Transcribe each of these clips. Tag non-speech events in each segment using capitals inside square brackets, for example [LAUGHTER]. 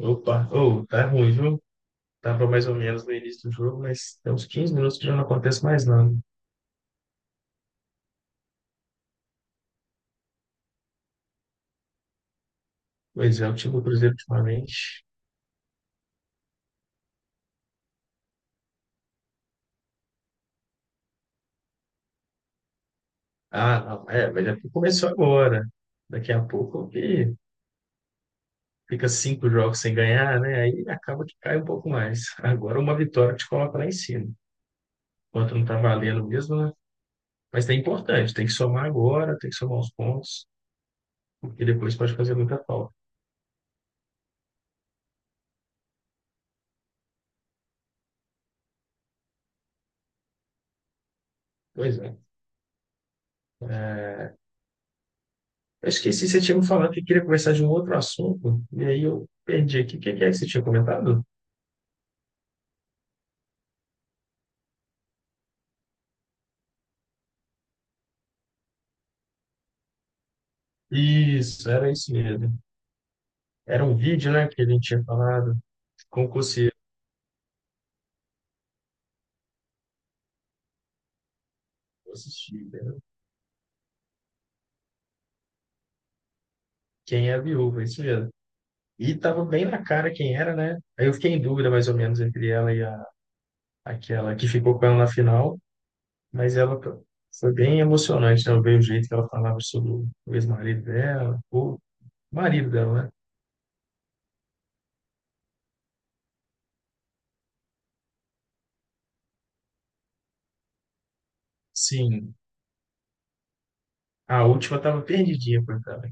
Opa, oh, tá ruim, viu? Tava mais ou menos no início do jogo, mas tem uns 15 minutos que já não acontece mais nada. Pois é, o time do Cruzeiro ultimamente. Ah, não, é, mas é porque começou agora. Daqui a pouco que fica cinco jogos sem ganhar, né? Aí acaba que cai um pouco mais. Agora uma vitória te coloca lá em cima. Enquanto não tá valendo mesmo, né? Mas é importante, tem que somar agora, tem que somar os pontos, porque depois pode fazer muita falta. Pois é. é, Eu esqueci, você tinha me falado que queria conversar de um outro assunto, e aí eu perdi aqui. O que que é que você tinha comentado? Isso, era isso mesmo. Era um vídeo, né, que a gente tinha falado, concurseiro, eu assisti, né? Quem é a viúva, isso mesmo. E tava bem na cara quem era, né? Aí eu fiquei em dúvida, mais ou menos, entre ela e aquela que ficou com ela na final, mas ela foi bem emocionante, né? Eu vi o jeito que ela falava sobre o ex-marido dela, o marido dela, né? Sim, a última tava perdidinha, coitada.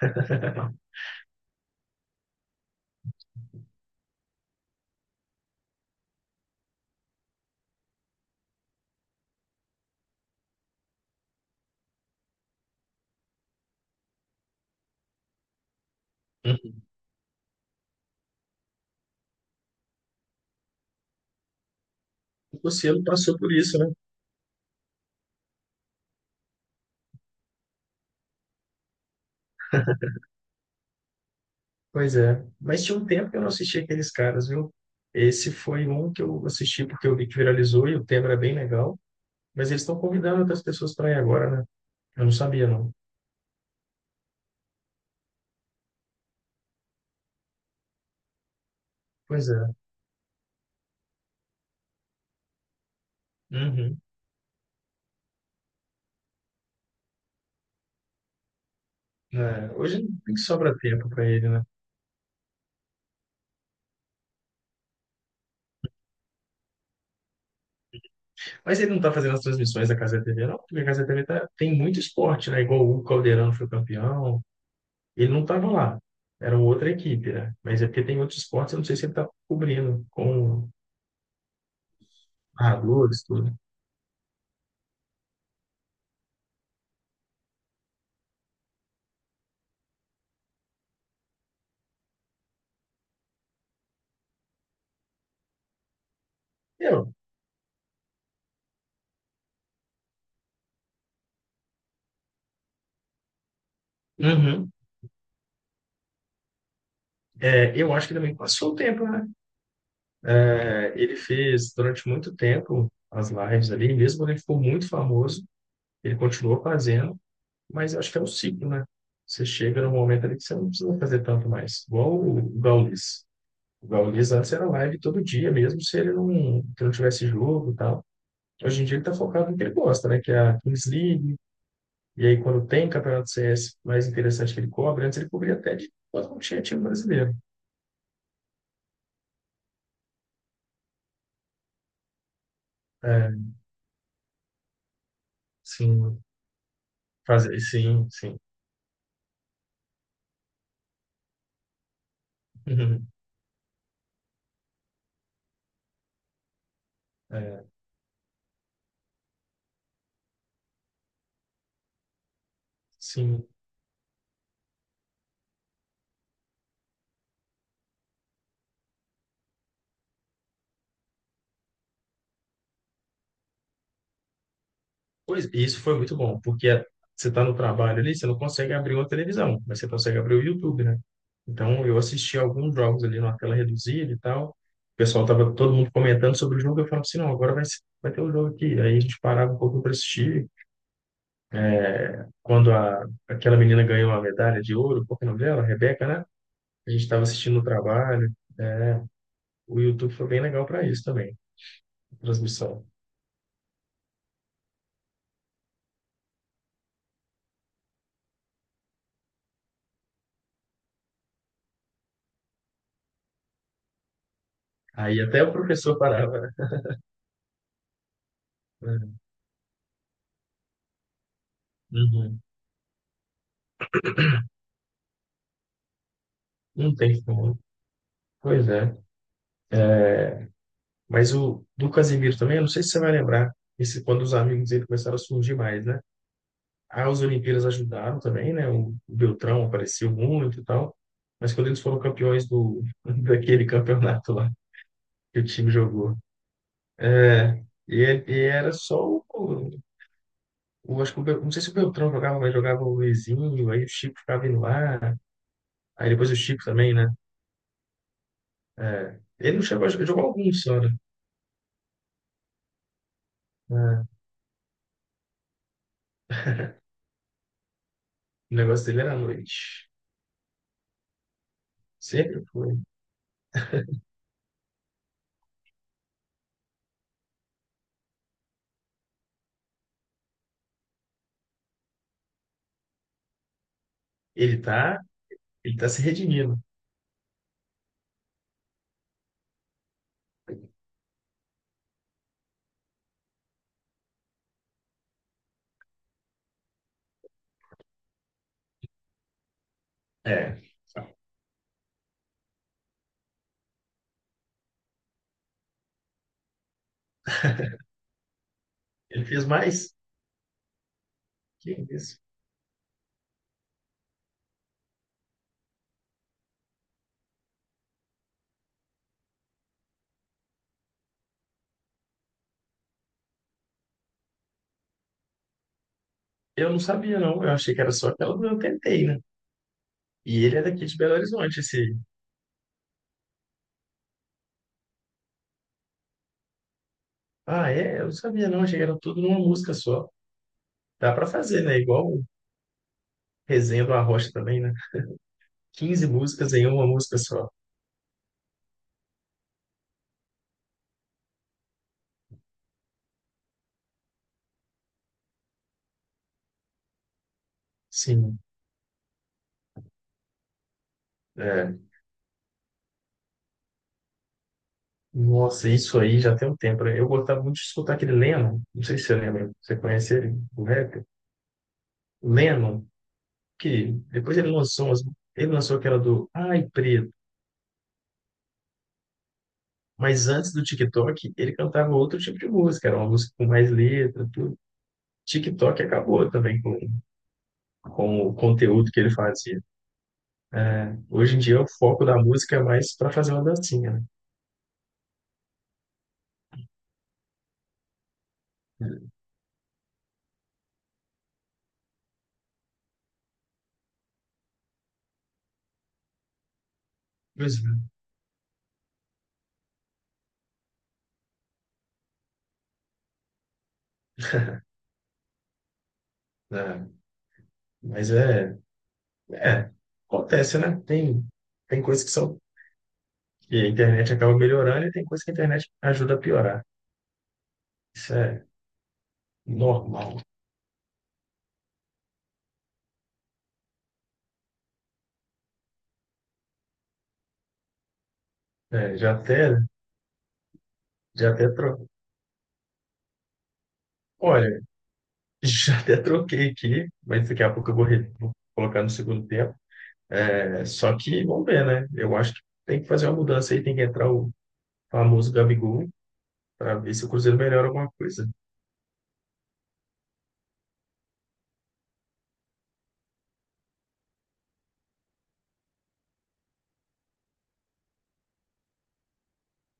[LAUGHS] O Cossielo passou por isso, né? Pois é. Mas tinha um tempo que eu não assisti aqueles caras, viu? Esse foi um que eu assisti porque eu vi que viralizou e o tema era bem legal. Mas eles estão convidando outras pessoas para ir agora, né? Eu não sabia, não. Pois é. Uhum. É, hoje nem sobra tempo para ele, né? Mas ele não tá fazendo as transmissões da Casa TV, não, porque a Casa TV tá, tem muito esporte, né? Igual o Hugo Calderano foi campeão. Ele não tava lá. Era outra equipe, né? Mas é porque tem outros esportes, eu não sei se ele tá cobrindo com narradores, tudo. Eu, Uhum. É, eu acho que também passou o tempo, né? É, ele fez durante muito tempo as lives ali, mesmo quando ele ficou muito famoso, ele continuou fazendo, mas eu acho que é um ciclo, né? Você chega num momento ali que você não precisa fazer tanto mais. Igual o Gaules. O Gaules antes era live todo dia, mesmo se ele não, que não tivesse jogo e tal. Hoje em dia ele tá focado no que ele gosta, né? Que é a Kings League, e aí quando tem campeonato CS mais interessante que ele cobre, antes ele cobria até de quando não tinha time brasileiro. É, Assim, Fazer, sim, sim. [LAUGHS] É, sim. Pois, e isso foi muito bom, porque você está no trabalho ali, você não consegue abrir uma televisão, mas você consegue abrir o YouTube, né? Então, eu assisti alguns jogos ali numa tela reduzida e tal. O pessoal tava todo mundo comentando sobre o jogo, eu falava assim, não, agora vai, vai ter o jogo aqui. Aí a gente parava um pouco para assistir. Quando aquela menina ganhou a medalha de ouro, qual que é o nome dela? Rebeca, né? A gente estava assistindo no trabalho. é, O YouTube foi bem legal para isso também, transmissão. Aí até o professor parava, né? Uhum. Não tem como. Pois é. Mas o do Casemiro também, eu não sei se você vai lembrar, esse, quando os amigos dele começaram a surgir mais, né? As Olimpíadas ajudaram também, né? O Beltrão apareceu muito e tal. Mas quando eles foram campeões do, [LAUGHS] daquele campeonato lá que o time jogou. É, e era só o, acho que o, não sei se o Beltrão jogava, mas jogava o Luizinho, aí o Chico ficava indo lá, aí depois o Chico também, né? É, ele não chegou a jogar, jogou alguns só, né? É, o negócio dele era à noite. Sempre foi. Ele tá, ele tá se redimindo. É. Ele fez mais? Que isso? Eu não sabia, não. Eu achei que era só aquela do Eu Tentei, né? E ele é daqui de Belo Horizonte, esse. Ah, é? Eu não sabia, não. Achei que era tudo numa música só. Dá pra fazer, né? Igual o Resenha do Arrocha também, né? Quinze músicas em uma música só. Sim. É. Nossa, isso aí já tem um tempo, né? Eu gostava muito de escutar aquele Lennon. Não sei se você lembra. Você conhece ele, o rapper? Lennon. Que depois ele lançou aquela do Ai Preto, mas antes do TikTok ele cantava outro tipo de música, era uma música com mais letra, tudo. TikTok acabou também com o conteúdo que ele fazia. É, hoje em dia o foco da música é mais para fazer uma dancinha, né? Pois é. É, mas é, é, acontece, né? Tem coisas que são que a internet acaba melhorando e tem coisas que a internet ajuda a piorar. Isso é normal. É, já até, já até tro... Olha, já até troquei aqui, mas daqui a pouco vou colocar no segundo tempo. É, só que vamos ver, né? Eu acho que tem que fazer uma mudança aí, tem que entrar o famoso Gabigol para ver se o Cruzeiro melhora alguma coisa.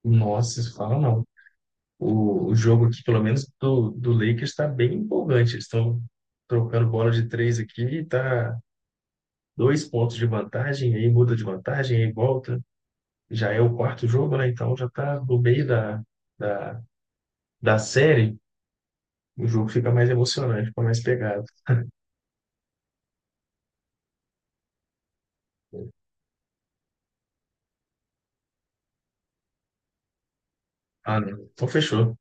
Nossa, isso fala não. O jogo aqui, pelo menos do Lakers, está bem empolgante. Eles estão trocando bola de três aqui, tá dois pontos de vantagem, aí muda de vantagem, aí volta. Já é o quarto jogo, né? Então já tá no meio da, da série. O jogo fica mais emocionante, fica mais pegado. Ah, não. Então fechou.